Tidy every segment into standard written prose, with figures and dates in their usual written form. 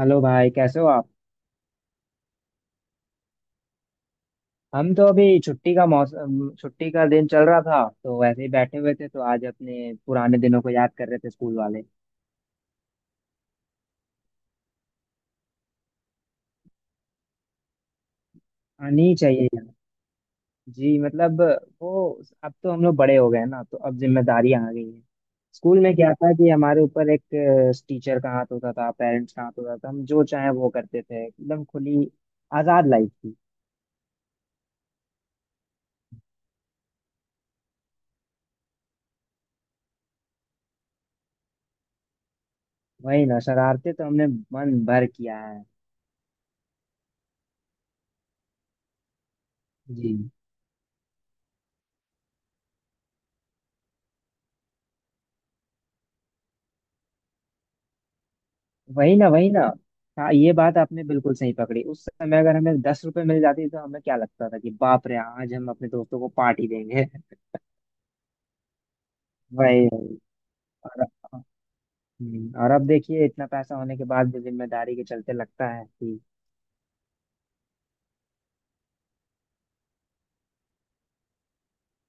Hello भाई, कैसे हो आप। हम तो अभी छुट्टी का मौसम, छुट्टी का दिन चल रहा था तो वैसे ही बैठे हुए थे, तो आज अपने पुराने दिनों को याद कर रहे थे, स्कूल वाले। आनी चाहिए यार। जी मतलब वो, अब तो हम लोग बड़े हो गए हैं ना तो अब जिम्मेदारियां आ गई हैं। स्कूल में क्या था कि हमारे ऊपर एक टीचर का हाथ होता था, पेरेंट्स का हाथ होता था, हम जो चाहे वो करते थे, एकदम खुली आजाद लाइफ थी। वही ना, शरारते तो हमने मन भर किया है। जी। वही ना, वही ना। हाँ, ये बात आपने बिल्कुल सही पकड़ी, उस समय अगर हमें 10 रुपए मिल जाती तो हमें क्या लगता था कि बाप रे आज हम अपने दोस्तों को पार्टी देंगे। वही। और, और अब देखिए इतना पैसा होने के बाद भी जिम्मेदारी के चलते लगता है कि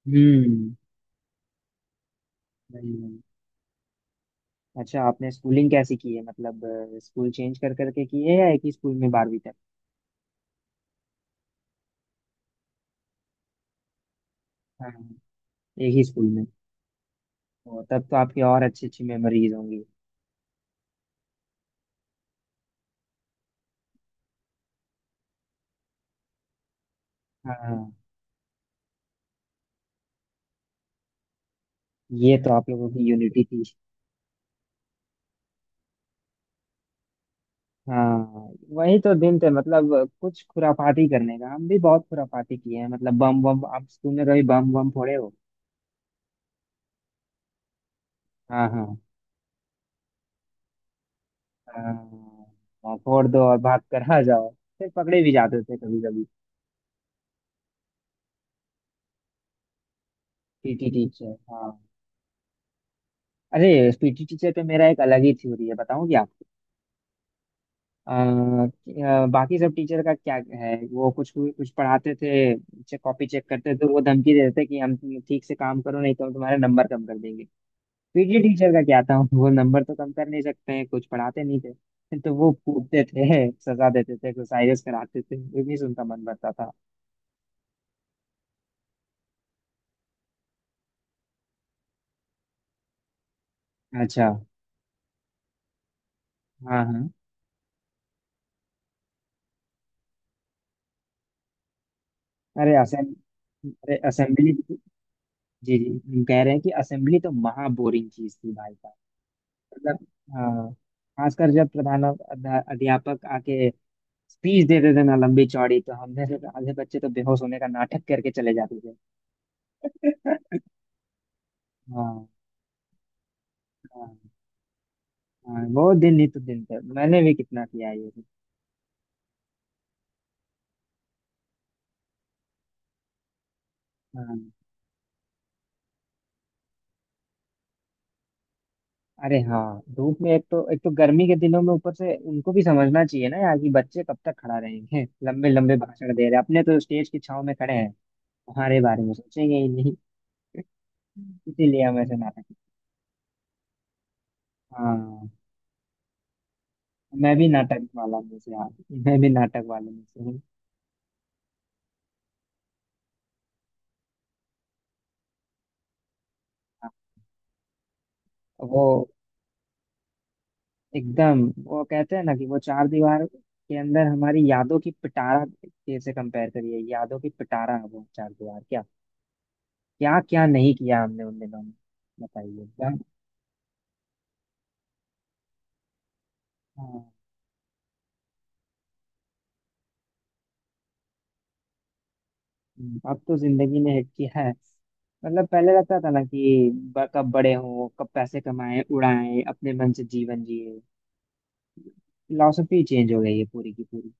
हम्म। वही। अच्छा, आपने स्कूलिंग कैसी की है, मतलब स्कूल चेंज कर करके की है या एक ही स्कूल में 12वीं तक? हाँ एक ही स्कूल में। ओ, तब तो आपकी और अच्छी अच्छी मेमोरीज होंगी। हाँ, ये तो आप लोगों की यूनिटी थी। हाँ। वही तो दिन थे, मतलब कुछ खुरापाती करने का, हम भी बहुत खुरापाती किए हैं, मतलब बम बम, आप तूने कभी बम बम फोड़े हो? हाँ हाँ हाँ। हाँ, फोड़ दो और भाग कर आ जाओ। फिर पकड़े भी जाते थे कभी कभी। पीटी टीचर हाँ। अरे पीटी टीचर पे मेरा एक अलग ही थ्योरी है, बताऊँ क्या आपको? अ, बाकी सब टीचर का क्या है, वो कुछ कुछ पढ़ाते थे, कॉपी चेक करते थे, तो वो धमकी देते थे कि हम ठीक से काम करो नहीं तो हम तुम्हारे नंबर कम कर देंगे। पीटी टीचर का क्या था, वो नंबर तो कम कर नहीं सकते हैं, कुछ पढ़ाते नहीं थे, तो वो कूटते थे, सजा देते थे, एक्सरसाइजेस कराते थे, इतनी से उनका मन भरता था। अच्छा। हाँ हाँ। अरे असेंबली जी। जी। हम कह रहे हैं कि असेंबली तो महा बोरिंग चीज थी भाई साहब। मतलब हाँ। खासकर जब प्रधान अध्यापक आके स्पीच देते थे ना लंबी चौड़ी, तो हमने से तो आधे बच्चे तो बेहोश होने का नाटक करके चले जाते थे। हाँ हाँ। हाँ, वो दिन ही तो दिन थे, मैंने भी कितना किया है ये सब। हाँ। अरे हाँ, धूप में, एक तो गर्मी के दिनों में ऊपर से उनको भी समझना चाहिए ना यार कि बच्चे कब तक खड़ा रहेंगे, लंबे लंबे भाषण दे रहे हैं, अपने तो स्टेज की छाव में खड़े हैं। हमारे बारे में सोचेंगे ही नहीं। इसीलिए हम ऐसे नाटक। हाँ। मैं भी नाटक वाला में से, हाँ। मैं भी नाटक वाले में से हूँ। हाँ, वो एकदम वो कहते हैं ना कि वो चार दीवार के अंदर हमारी यादों की पिटारा, कैसे कंपेयर करिए, यादों की पिटारा है वो चार दीवार, क्या क्या क्या नहीं किया हमने उन दिनों में। बताइए क्या। हाँ, अब तो जिंदगी ने हिट किया है, मतलब पहले रहता था ना कि कब बड़े हों, कब पैसे कमाएं, उड़ाएं अपने मन से जीवन जिए। फिलोसफी चेंज हो गई है पूरी की पूरी।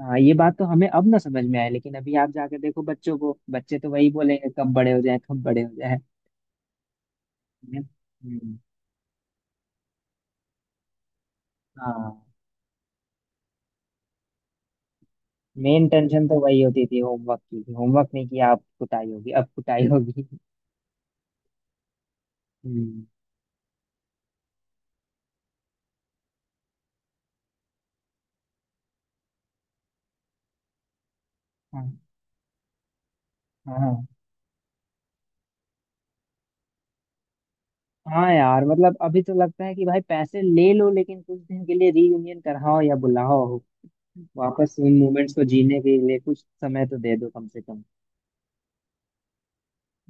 हाँ, ये बात तो हमें अब ना समझ में आए, लेकिन अभी आप जाके देखो बच्चों को, बच्चे तो वही बोलेंगे कब बड़े हो जाए, कब बड़े हो जाए। हम्म, हाँ। मेन टेंशन तो वही होती थी होमवर्क की, होमवर्क नहीं किया अब कुटाई होगी, अब कुटाई होगी। हम्म। हाँ हाँ। हाँ यार, मतलब अभी तो लगता है कि भाई पैसे ले लो लेकिन कुछ दिन के लिए रीयूनियन कराओ या बुलाओ, वापस उन मोमेंट्स को जीने के लिए कुछ समय तो दे दो कम से कम।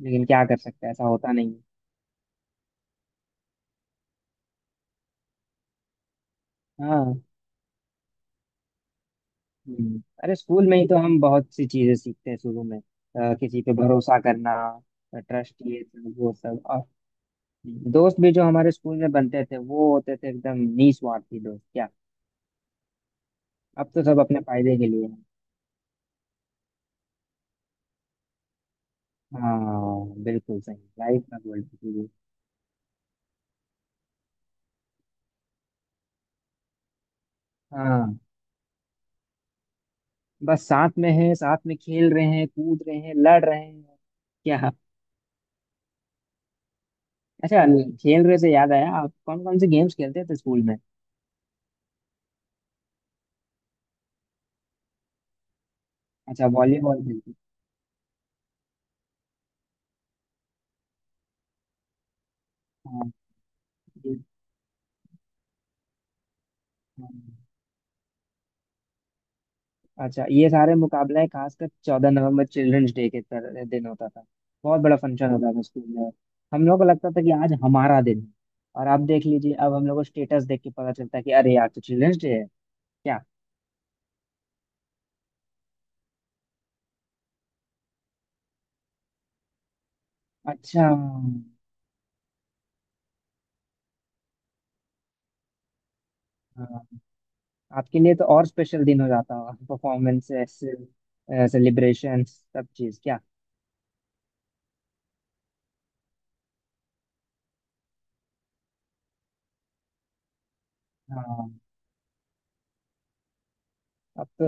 लेकिन क्या कर सकते हैं, ऐसा होता नहीं है। हाँ। हम्म। अरे स्कूल में ही तो हम बहुत सी चीजें सीखते हैं शुरू में, किसी पे भरोसा करना, ट्रस्ट, ये सब वो सब, और दोस्त भी जो हमारे स्कूल में बनते थे वो होते थे एकदम निस्वार्थी दोस्त क्या। अब तो सब अपने फायदे के लिए हैं। हाँ बिल्कुल सही, लाइफ का गोल। हाँ, बस साथ में है, साथ में खेल रहे हैं, कूद रहे हैं, लड़ रहे हैं क्या। अच्छा। खेल रहे से याद आया, आप कौन कौन से गेम्स खेलते थे स्कूल में? अच्छा वॉलीबॉल खेलते थे। हाँ ये हाँ। अच्छा, ये सारे मुकाबले खासकर 14 नवंबर चिल्ड्रंस डे के दिन होता था, बहुत बड़ा फंक्शन होता था स्कूल में। हम लोग को लगता था कि आज हमारा दिन है। और आप देख लीजिए अब हम लोग को स्टेटस देख के पता चलता है कि अरे आज तो चिल्ड्रंस डे है। क्या अच्छा, हाँ। आपके लिए तो और स्पेशल दिन हो जाता होगा, परफॉर्मेंसेस, सेलिब्रेशन, सब चीज क्या। हाँ अब तो।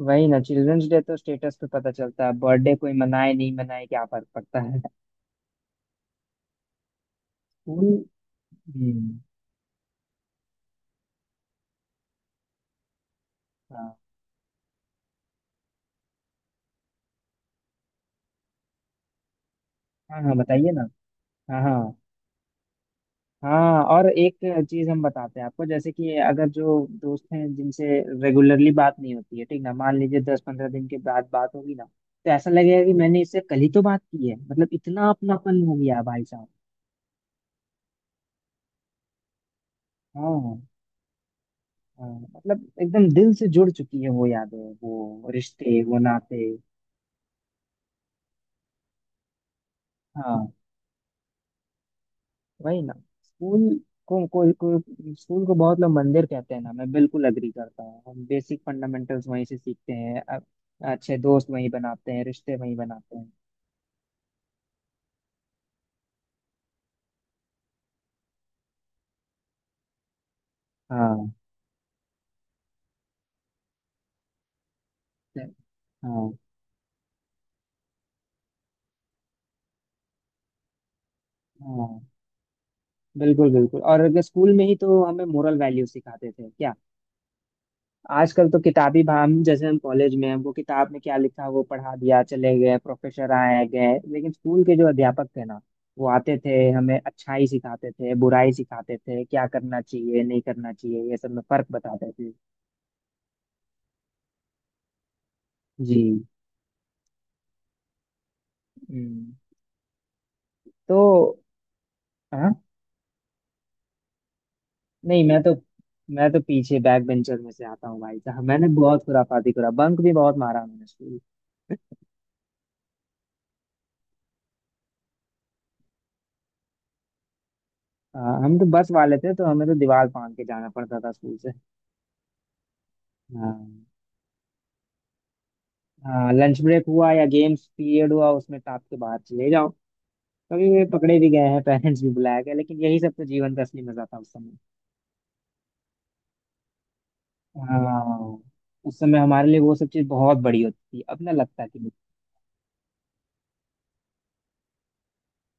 वही ना, चिल्ड्रंस डे तो स्टेटस पे पता चलता है, बर्थडे कोई मनाए नहीं मनाए क्या फर्क पड़ता है। स्कूल। हम्म, हाँ। हाँ हाँ, बताइए ना। हाँ हाँ हाँ, और एक चीज हम बताते हैं आपको, जैसे कि अगर जो दोस्त हैं जिनसे रेगुलरली बात नहीं होती है, ठीक ना, मान लीजिए 10-15 दिन के बाद बात होगी ना तो ऐसा लगेगा कि मैंने इससे कल ही तो बात की है, मतलब इतना अपनापन हो गया भाई साहब। हाँ हाँ। मतलब एकदम दिल से जुड़ चुकी है वो यादें, वो रिश्ते, वो नाते। हाँ वही ना। स्कूल स्कूल को बहुत लोग मंदिर कहते हैं ना, मैं बिल्कुल अग्री करता हूँ, हम बेसिक फंडामेंटल्स वहीं से सीखते हैं, अच्छे दोस्त वहीं बनाते हैं, रिश्ते वहीं बनाते हैं। हाँ तो-। हाँ हाँ, बिल्कुल बिल्कुल, और अगर स्कूल में ही तो हमें मोरल वैल्यू सिखाते थे क्या। आजकल तो किताबी हम जैसे, हम कॉलेज में हैं, वो किताब में क्या लिखा वो पढ़ा दिया, चले गए प्रोफेसर, आए गए, लेकिन स्कूल के जो अध्यापक थे ना वो आते थे, हमें अच्छाई सिखाते थे, बुराई सिखाते थे, क्या करना चाहिए नहीं करना चाहिए ये सब में फर्क बताते थे। जी। हम्म, तो। हाँ नहीं, मैं तो पीछे बैक बेंचर में से आता हूँ भाई साहब, मैंने बहुत खुराफाती करा, बंक भी बहुत मारा मैंने स्कूल। हाँ, हम तो बस वाले थे तो हमें तो दीवार फाड़ के जाना पड़ता था स्कूल से। हाँ हाँ, लंच ब्रेक हुआ या गेम्स पीरियड हुआ उसमें टाप के बाहर चले जाओ। कभी कभी पकड़े भी गए हैं, पेरेंट्स भी बुलाया गया, लेकिन यही सब तो जीवन का असली मजा था उस समय। हाँ। उस समय हमारे लिए वो सब चीज बहुत बड़ी होती थी, अब ना लगता कि।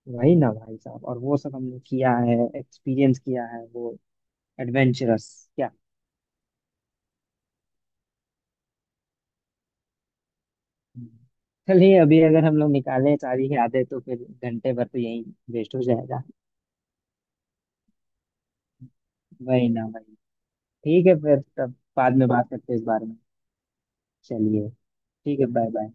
वही ना भाई साहब, और वो सब हमने किया है, एक्सपीरियंस किया है वो एडवेंचरस क्या। हम्म। चलिए, अभी अगर हम लोग निकालें सारी यादें तो फिर घंटे भर तो यही वेस्ट हो जाएगा। वही ना, वही। ठीक है, फिर तब बाद में बात करते हैं इस बारे में। चलिए ठीक है बाय बाय।